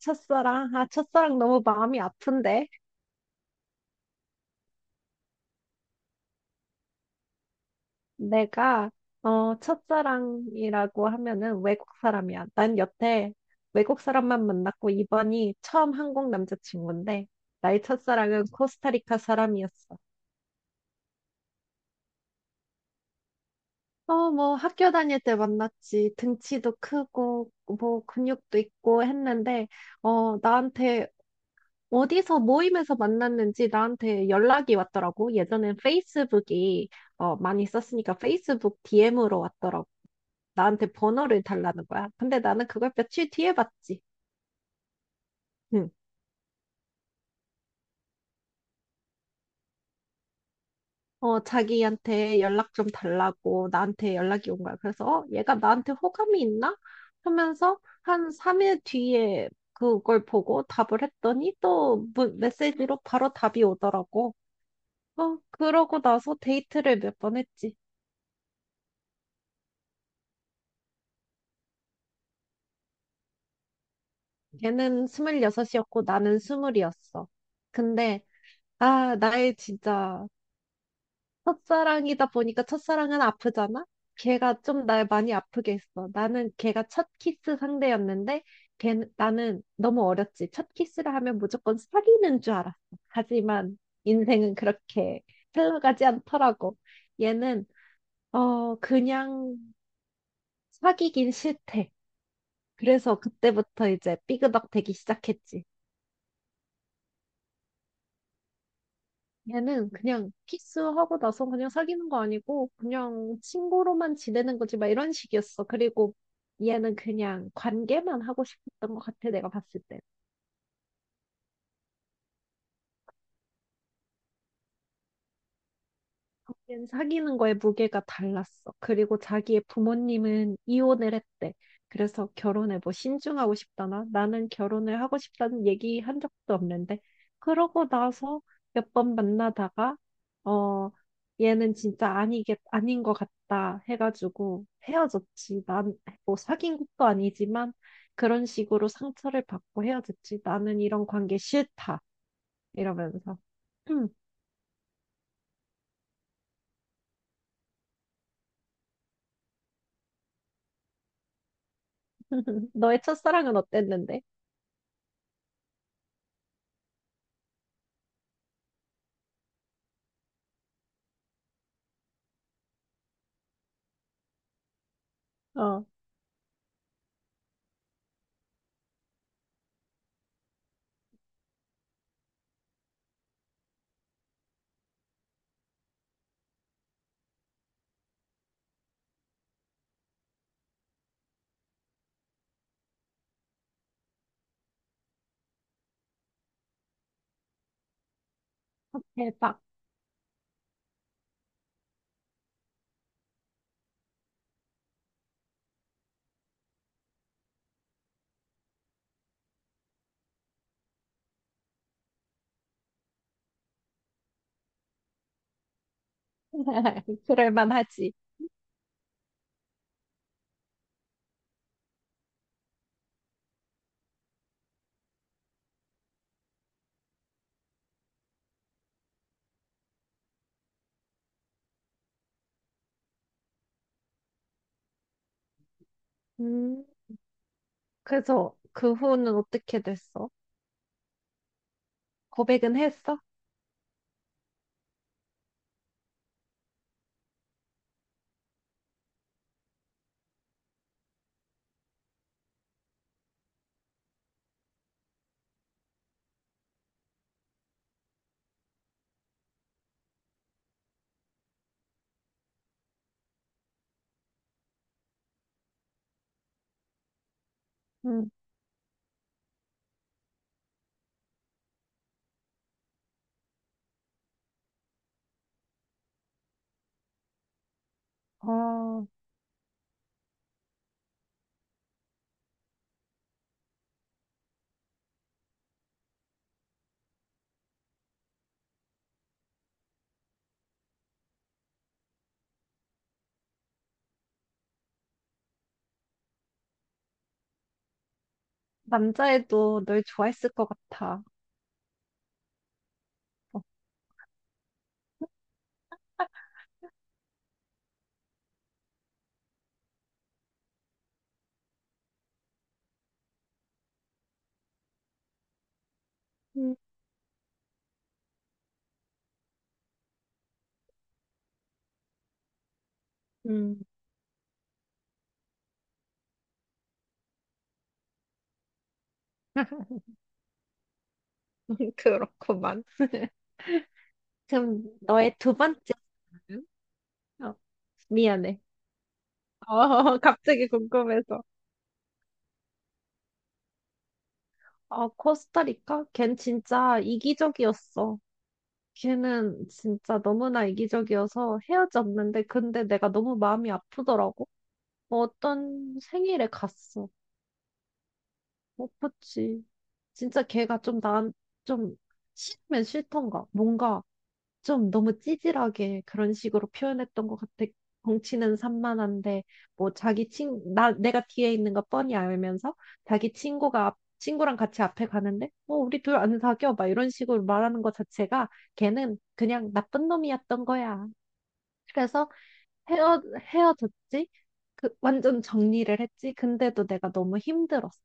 첫사랑? 아, 첫사랑 너무 마음이 아픈데? 내가, 첫사랑이라고 하면은 외국 사람이야. 난 여태 외국 사람만 만났고, 이번이 처음 한국 남자친구인데, 나의 첫사랑은 코스타리카 사람이었어. 뭐, 학교 다닐 때 만났지. 등치도 크고, 뭐, 근육도 있고 했는데, 나한테 어디서 모임에서 만났는지 나한테 연락이 왔더라고. 예전엔 페이스북이 많이 썼으니까 페이스북 DM으로 왔더라고. 나한테 번호를 달라는 거야. 근데 나는 그걸 며칠 뒤에 봤지. 응. 자기한테 연락 좀 달라고 나한테 연락이 온 거야. 그래서 얘가 나한테 호감이 있나? 하면서 한 3일 뒤에 그걸 보고 답을 했더니 또 메시지로 바로 답이 오더라고. 그러고 나서 데이트를 몇 번 했지. 걔는 26이었고 나는 20이었어. 근데, 아, 나의 진짜 첫사랑이다 보니까 첫사랑은 아프잖아? 걔가 좀 날 많이 아프게 했어. 나는 걔가 첫 키스 상대였는데, 걔, 나는 너무 어렸지. 첫 키스를 하면 무조건 사귀는 줄 알았어. 하지만 인생은 그렇게 흘러가지 않더라고. 얘는, 그냥 사귀긴 싫대. 그래서 그때부터 이제 삐그덕 되기 시작했지. 얘는 그냥 키스하고 나서 그냥 사귀는 거 아니고 그냥 친구로만 지내는 거지 막 이런 식이었어. 그리고 얘는 그냥 관계만 하고 싶었던 것 같아 내가 봤을 때. 걔는 사귀는 거에 무게가 달랐어. 그리고 자기의 부모님은 이혼을 했대. 그래서 결혼에 뭐 신중하고 싶다나 나는 결혼을 하고 싶다는 얘기 한 적도 없는데 그러고 나서 몇 번 만나다가 어 얘는 진짜 아니겠 아닌 것 같다 해가지고 헤어졌지. 난 뭐 사귄 것도 아니지만 그런 식으로 상처를 받고 헤어졌지. 나는 이런 관계 싫다 이러면서. 너의 첫사랑은 어땠는데? 어. 대박. 그럴만 하지. 음, 그래서 그 후는 어떻게 됐어? 고백은 했어? 응. 어, 남자애도 널 좋아했을 것 같아. 어. 음, 음, 그렇구만. 그럼 너의 두 번째 사연? 어, 미안해. 어, 갑자기 궁금해서. 코스타리카? 걘 진짜 이기적이었어. 걔는 진짜 너무나 이기적이어서 헤어졌는데, 근데 내가 너무 마음이 아프더라고. 어떤 생일에 갔어. 못 봤지. 진짜 걔가 좀 난, 좀 싫으면 싫던가. 뭔가 좀 너무 찌질하게 그런 식으로 표현했던 것 같아. 덩치는 산만한데, 뭐 자기 친, 나, 내가 뒤에 있는 거 뻔히 알면서 자기 친구가 친구랑 같이 앞에 가는데, 뭐 우리 둘 안 사겨. 막 이런 식으로 말하는 것 자체가 걔는 그냥 나쁜 놈이었던 거야. 그래서 헤어, 헤어졌지? 그, 완전 정리를 했지? 근데도 내가 너무 힘들었어.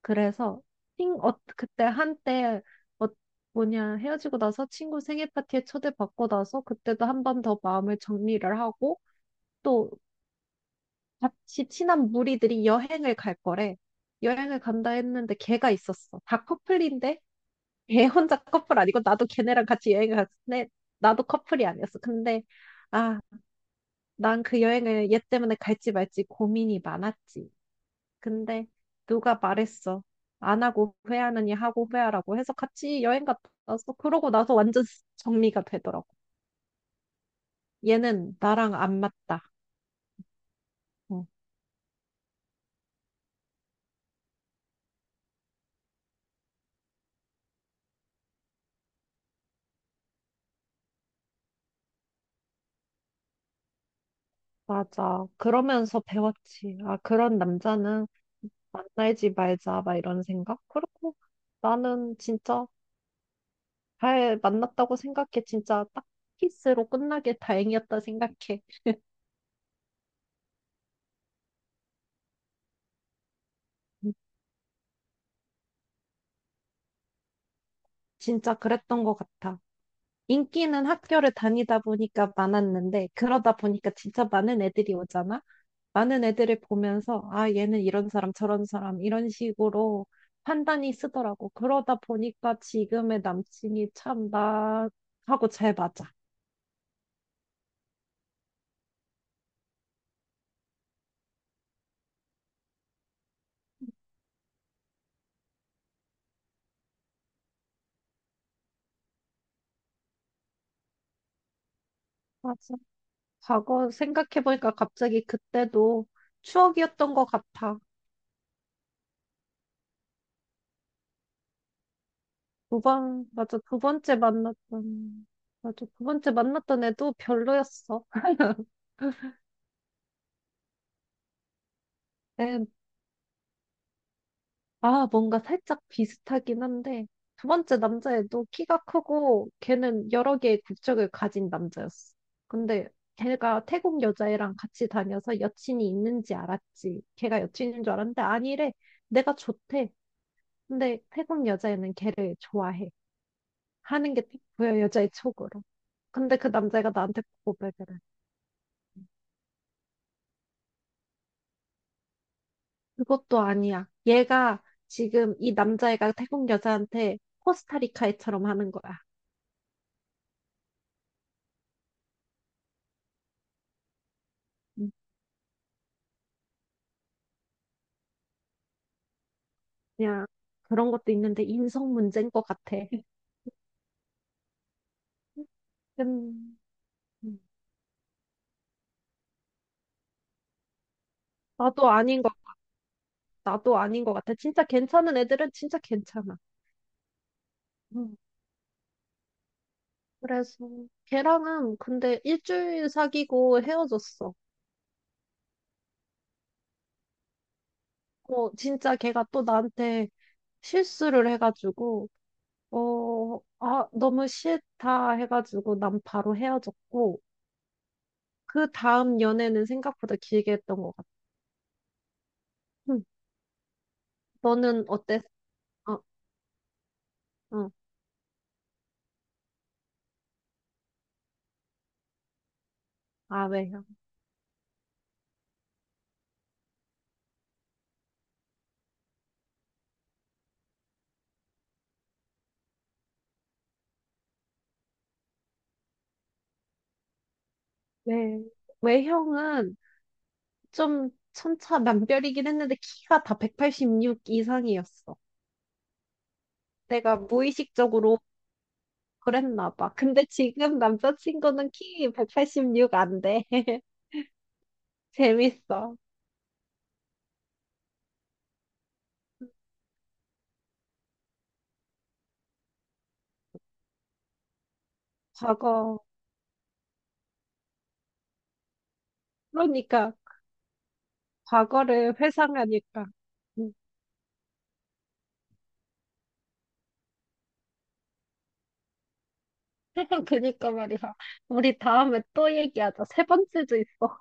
그래서, 그때 한때, 어, 뭐냐, 헤어지고 나서 친구 생일 파티에 초대받고 나서 그때도 한 번 더 마음을 정리를 하고 또 같이 친한 무리들이 여행을 갈 거래. 여행을 간다 했는데 걔가 있었어. 다 커플인데 걔 혼자 커플 아니고 나도 걔네랑 같이 여행을 갔는데 나도 커플이 아니었어. 근데, 아, 난 그 여행을 얘 때문에 갈지 말지 고민이 많았지. 근데 누가 말했어. 안 하고 후회하느니 하고 후회하라고 해서 같이 여행 갔다 왔어. 그러고 나서 완전 정리가 되더라고. 얘는 나랑 안 맞다. 어, 맞아. 그러면서 배웠지. 아, 그런 남자는 만나지 말자. 막 이런 생각. 그리고 나는 진짜 잘 만났다고 생각해. 진짜 딱 키스로 끝나길 다행이었다 생각해. 음, 진짜 그랬던 것 같아. 인기는 학교를 다니다 보니까 많았는데, 그러다 보니까 진짜 많은 애들이 오잖아? 많은 애들을 보면서, 아, 얘는 이런 사람, 저런 사람, 이런 식으로 판단이 쓰더라고. 그러다 보니까 지금의 남친이 참 나하고 잘 맞아. 맞아. 과거 생각해보니까 갑자기 그때도 추억이었던 것 같아. 맞아, 맞아, 두 번째 만났던 애도 별로였어. 에, 아, 뭔가 살짝 비슷하긴 한데, 두 번째 남자애도 키가 크고, 걔는 여러 개의 국적을 가진 남자였어. 근데 걔가 태국 여자애랑 같이 다녀서 여친이 있는지 알았지. 걔가 여친인 줄 알았는데 아, 아니래. 내가 좋대. 근데 태국 여자애는 걔를 좋아해. 하는 게 딱 보여, 여자애 촉으로. 근데 그 남자애가 나한테 고백을 해. 그것도 아니야. 얘가 지금 이 남자애가 태국 여자한테 코스타리카애처럼 하는 거야. 그냥 그런 것도 있는데 인성 문제인 것 같아. 음, 음. 나도 아닌 것, 나도 아닌 것 같아. 진짜 괜찮은 애들은 진짜 괜찮아. 음. 그래서 걔랑은 근데 일주일 사귀고 헤어졌어. 진짜 걔가 또 나한테 실수를 해가지고, 아, 너무 싫다 해가지고 난 바로 헤어졌고, 그 다음 연애는 생각보다 길게 했던 것 같아. 음. 너는 어땠어? 어, 어, 아, 왜? 네. 외형은 좀 천차만별이긴 했는데 키가 다 186 이상이었어. 내가 무의식적으로 그랬나 봐. 근데 지금 남자친구는 키 186 안 돼. 재밌어. 과거. 그러니까 과거를 회상하니까. 음. 그니까 말이야. 우리 다음에 또 얘기하자. 세 번째도 있어.